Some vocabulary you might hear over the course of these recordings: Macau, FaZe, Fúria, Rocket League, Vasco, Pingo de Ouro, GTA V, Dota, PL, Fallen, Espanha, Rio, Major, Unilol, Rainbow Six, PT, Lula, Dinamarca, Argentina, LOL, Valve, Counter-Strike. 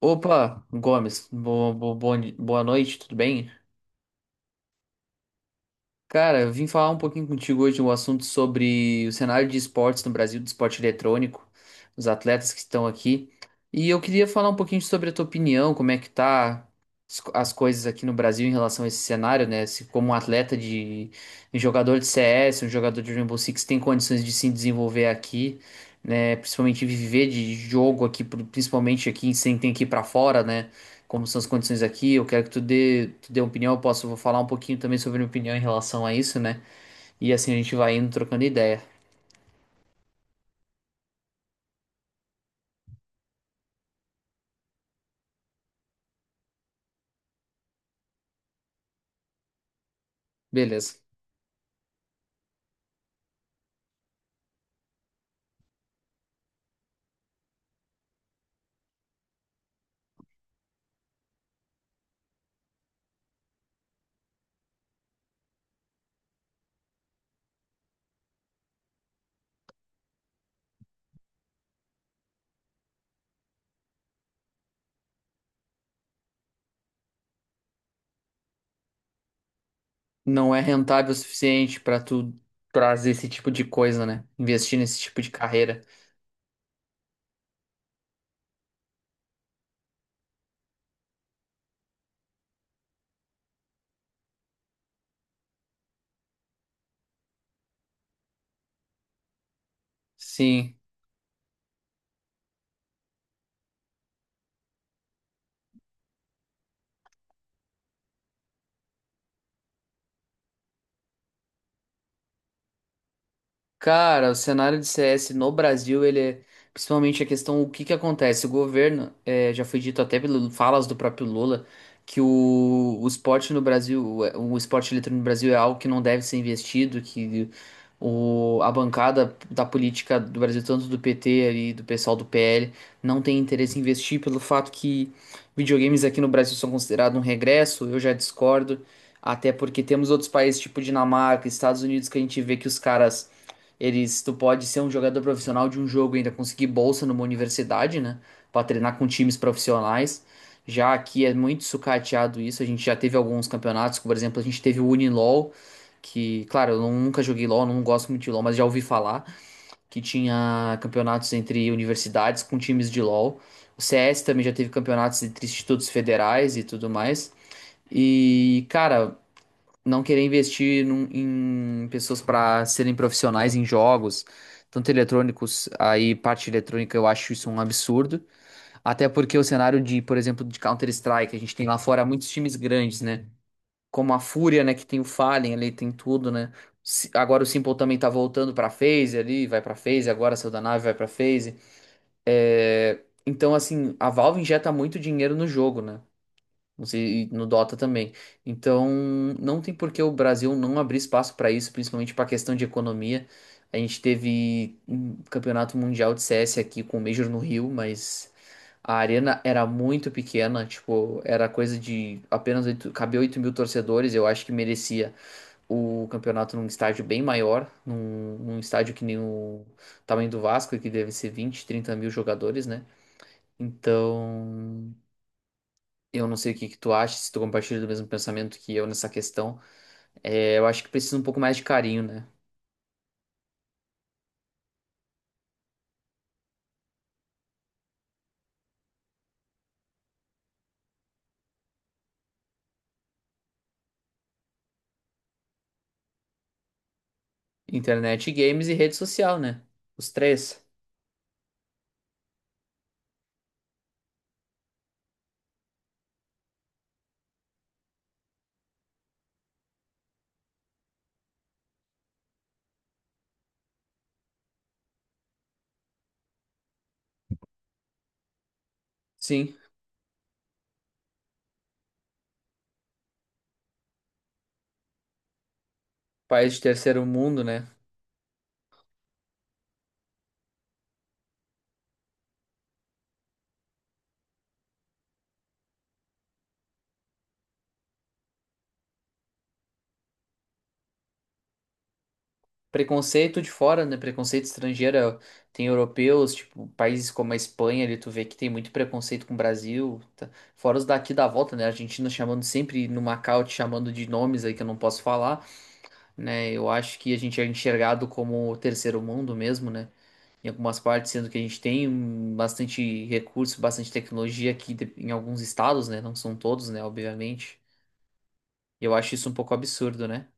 Opa, Gomes, boa, boa noite, tudo bem? Cara, eu vim falar um pouquinho contigo hoje um assunto sobre o cenário de esportes no Brasil, do esporte eletrônico, os atletas que estão aqui. E eu queria falar um pouquinho sobre a tua opinião, como é que tá as coisas aqui no Brasil em relação a esse cenário, né? Se como um atleta de, um jogador de CS, um jogador de Rainbow Six tem condições de se desenvolver aqui, né? Principalmente viver de jogo aqui, principalmente aqui sem ter que ir pra fora, né? Como são as condições aqui, eu quero que tu dê uma opinião, vou falar um pouquinho também sobre minha opinião em relação a isso, né? E assim a gente vai indo trocando ideia. Beleza. Não é rentável o suficiente pra tu trazer esse tipo de coisa, né? Investir nesse tipo de carreira. Sim. Cara, o cenário de CS no Brasil, ele é principalmente a questão, o que que acontece? O governo, já foi dito até pelas falas do próprio Lula, que o esporte no Brasil, o esporte eletrônico no Brasil é algo que não deve ser investido, que o, a bancada da política do Brasil, tanto do PT e do pessoal do PL, não tem interesse em investir pelo fato que videogames aqui no Brasil são considerados um regresso, eu já discordo, até porque temos outros países, tipo Dinamarca, Estados Unidos, que a gente vê que os caras eles, tu pode ser um jogador profissional de um jogo e ainda conseguir bolsa numa universidade, né? Pra treinar com times profissionais. Já aqui é muito sucateado isso. A gente já teve alguns campeonatos, por exemplo, a gente teve o Unilol, que, claro, eu nunca joguei LOL, não gosto muito de LOL, mas já ouvi falar que tinha campeonatos entre universidades com times de LOL. O CS também já teve campeonatos entre institutos federais e tudo mais. E, cara, não querer investir em pessoas para serem profissionais em jogos, tanto eletrônicos, aí parte eletrônica eu acho isso um absurdo, até porque o cenário de, por exemplo, de Counter-Strike, a gente tem lá fora muitos times grandes, né? Como a Fúria, né, que tem o Fallen ali, tem tudo, né? Agora o Simple também tá voltando pra FaZe ali, vai pra FaZe, agora saiu da nave, vai pra FaZe. Então, assim, a Valve injeta muito dinheiro no jogo, né? Não sei, e no Dota também. Então, não tem por que o Brasil não abrir espaço para isso, principalmente para a questão de economia. A gente teve um campeonato mundial de CS aqui com o Major no Rio, mas a arena era muito pequena, tipo, era coisa de apenas 8, cabia 8.000 torcedores. Eu acho que merecia o campeonato num estádio bem maior, num estádio que nem o tamanho do Vasco, que deve ser 20, 30 mil jogadores, né? Então, eu não sei o que que tu acha, se tu compartilha do mesmo pensamento que eu nessa questão. É, eu acho que precisa um pouco mais de carinho, né? Internet, games e rede social, né? Os três. Sim, país de terceiro mundo, né? Preconceito de fora, né? Preconceito estrangeiro. Tem europeus, tipo, países como a Espanha, ali tu vê que tem muito preconceito com o Brasil. Tá? Fora os daqui da volta, né? A Argentina chamando sempre no Macau, te chamando de nomes aí que eu não posso falar, né? Eu acho que a gente é enxergado como o terceiro mundo mesmo, né? Em algumas partes, sendo que a gente tem bastante recurso, bastante tecnologia aqui em alguns estados, né? Não são todos, né? Obviamente. E eu acho isso um pouco absurdo, né?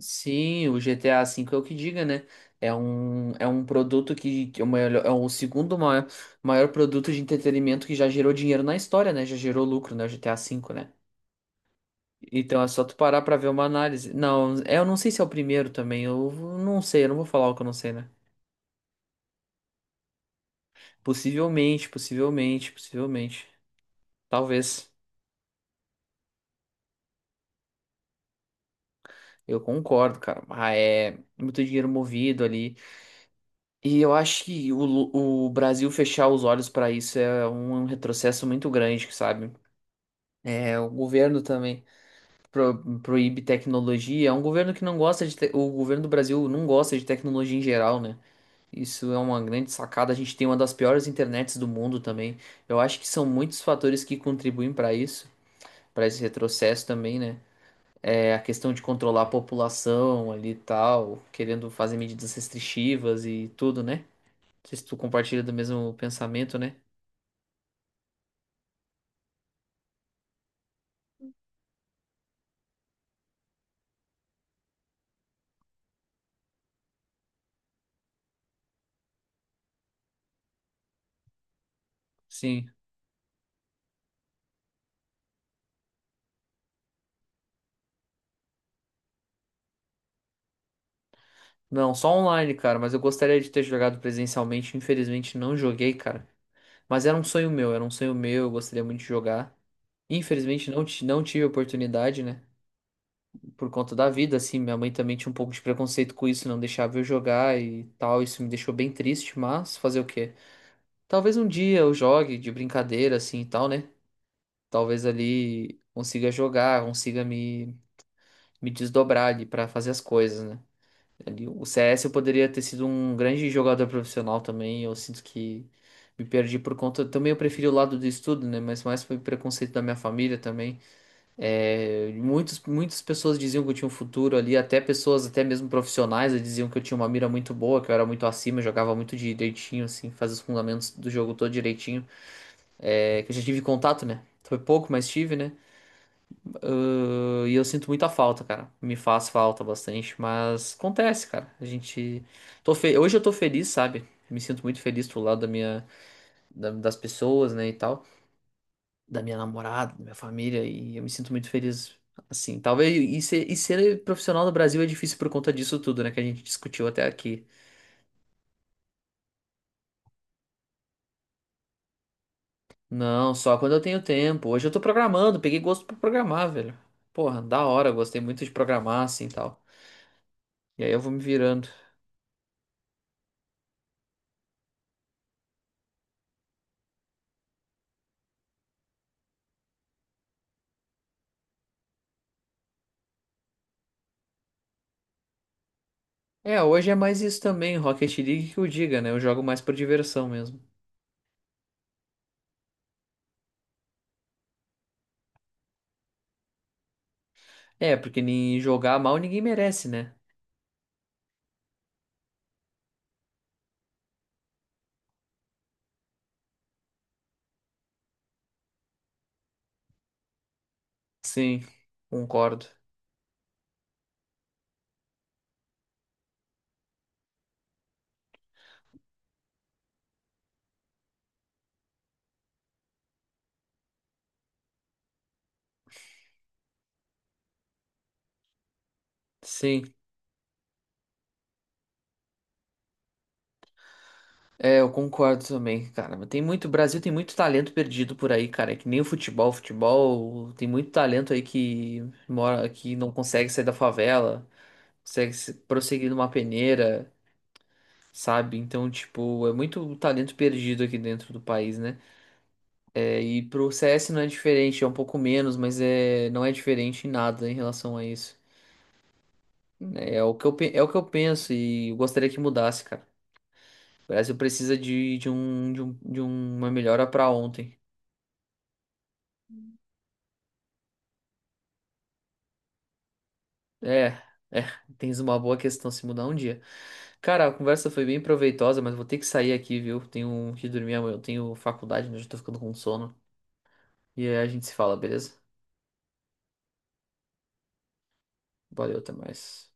Sim, o GTA V é o que diga, né? É um produto que é o maior- é o segundo maior, maior produto de entretenimento que já gerou dinheiro na história, né? Já gerou lucro, né? O GTA V, né? Então é só tu parar pra ver uma análise. Não, é, eu não sei se é o primeiro também. Eu não sei, eu não vou falar o que eu não sei, né? Possivelmente, possivelmente, possivelmente. Talvez. Eu concordo, cara. Ah, é muito dinheiro movido ali. E eu acho que o Brasil fechar os olhos pra isso é um retrocesso muito grande, sabe? É, o governo também proíbe tecnologia. É um governo que não gosta O governo do Brasil não gosta de tecnologia em geral, né? Isso é uma grande sacada. A gente tem uma das piores internets do mundo também. Eu acho que são muitos fatores que contribuem para isso, para esse retrocesso também, né? É a questão de controlar a população ali e tal, querendo fazer medidas restritivas e tudo, né? Não sei se tu compartilha do mesmo pensamento, né? Sim. Não, só online, cara, mas eu gostaria de ter jogado presencialmente. Infelizmente não joguei, cara. Mas era um sonho meu, eu gostaria muito de jogar. Infelizmente não tive oportunidade, né? Por conta da vida, assim. Minha mãe também tinha um pouco de preconceito com isso, não deixava eu jogar e tal. Isso me deixou bem triste, mas fazer o quê? Talvez um dia eu jogue de brincadeira, assim e tal, né? Talvez ali consiga jogar, me desdobrar ali pra fazer as coisas, né? Ali, o CS eu poderia ter sido um grande jogador profissional também. Eu sinto que me perdi por conta. Também eu preferi o lado do estudo, né? Mas mais foi preconceito da minha família também. É, muitas pessoas diziam que eu tinha um futuro ali, até pessoas, até mesmo profissionais, diziam que eu tinha uma mira muito boa, que eu era muito acima, eu jogava muito direitinho, assim, fazia os fundamentos do jogo todo direitinho. É, que eu já tive contato, né? Foi pouco, mas tive, né? Ah, e eu sinto muita falta, cara. Me faz falta bastante, mas acontece, cara. A gente. Hoje eu tô feliz, sabe? Me sinto muito feliz pro lado da minha, das pessoas, né, e tal da minha namorada, da minha família, e eu me sinto muito feliz assim. Talvez e ser profissional no Brasil é difícil por conta disso tudo, né, que a gente discutiu até aqui. Não, só quando eu tenho tempo. Hoje eu tô programando, peguei gosto pra programar, velho. Porra, da hora, gostei muito de programar assim e tal. E aí eu vou me virando. É, hoje é mais isso também, Rocket League que eu diga, né? Eu jogo mais por diversão mesmo. É, porque nem jogar mal ninguém merece, né? Sim, concordo. Sim. É, eu concordo também, cara. Mas tem muito, o Brasil tem muito talento perdido por aí, cara. É que nem o futebol, futebol, tem muito talento aí que mora, que não consegue sair da favela, consegue se- prosseguir numa peneira, sabe? Então, tipo, é muito talento perdido aqui dentro do país, né? É, e pro CS não é diferente, é um pouco menos, mas é, não é diferente em nada em relação a isso, né? É, o que eu, pe- é o que eu penso e eu gostaria que mudasse, cara. O Brasil precisa de uma melhora pra ontem. É, é, tens uma boa questão se mudar um dia. Cara, a conversa foi bem proveitosa, mas vou ter que sair aqui, viu? Tenho que dormir amanhã, eu tenho faculdade, né? Já tô ficando com sono. E aí a gente se fala, beleza? Valeu, até mais.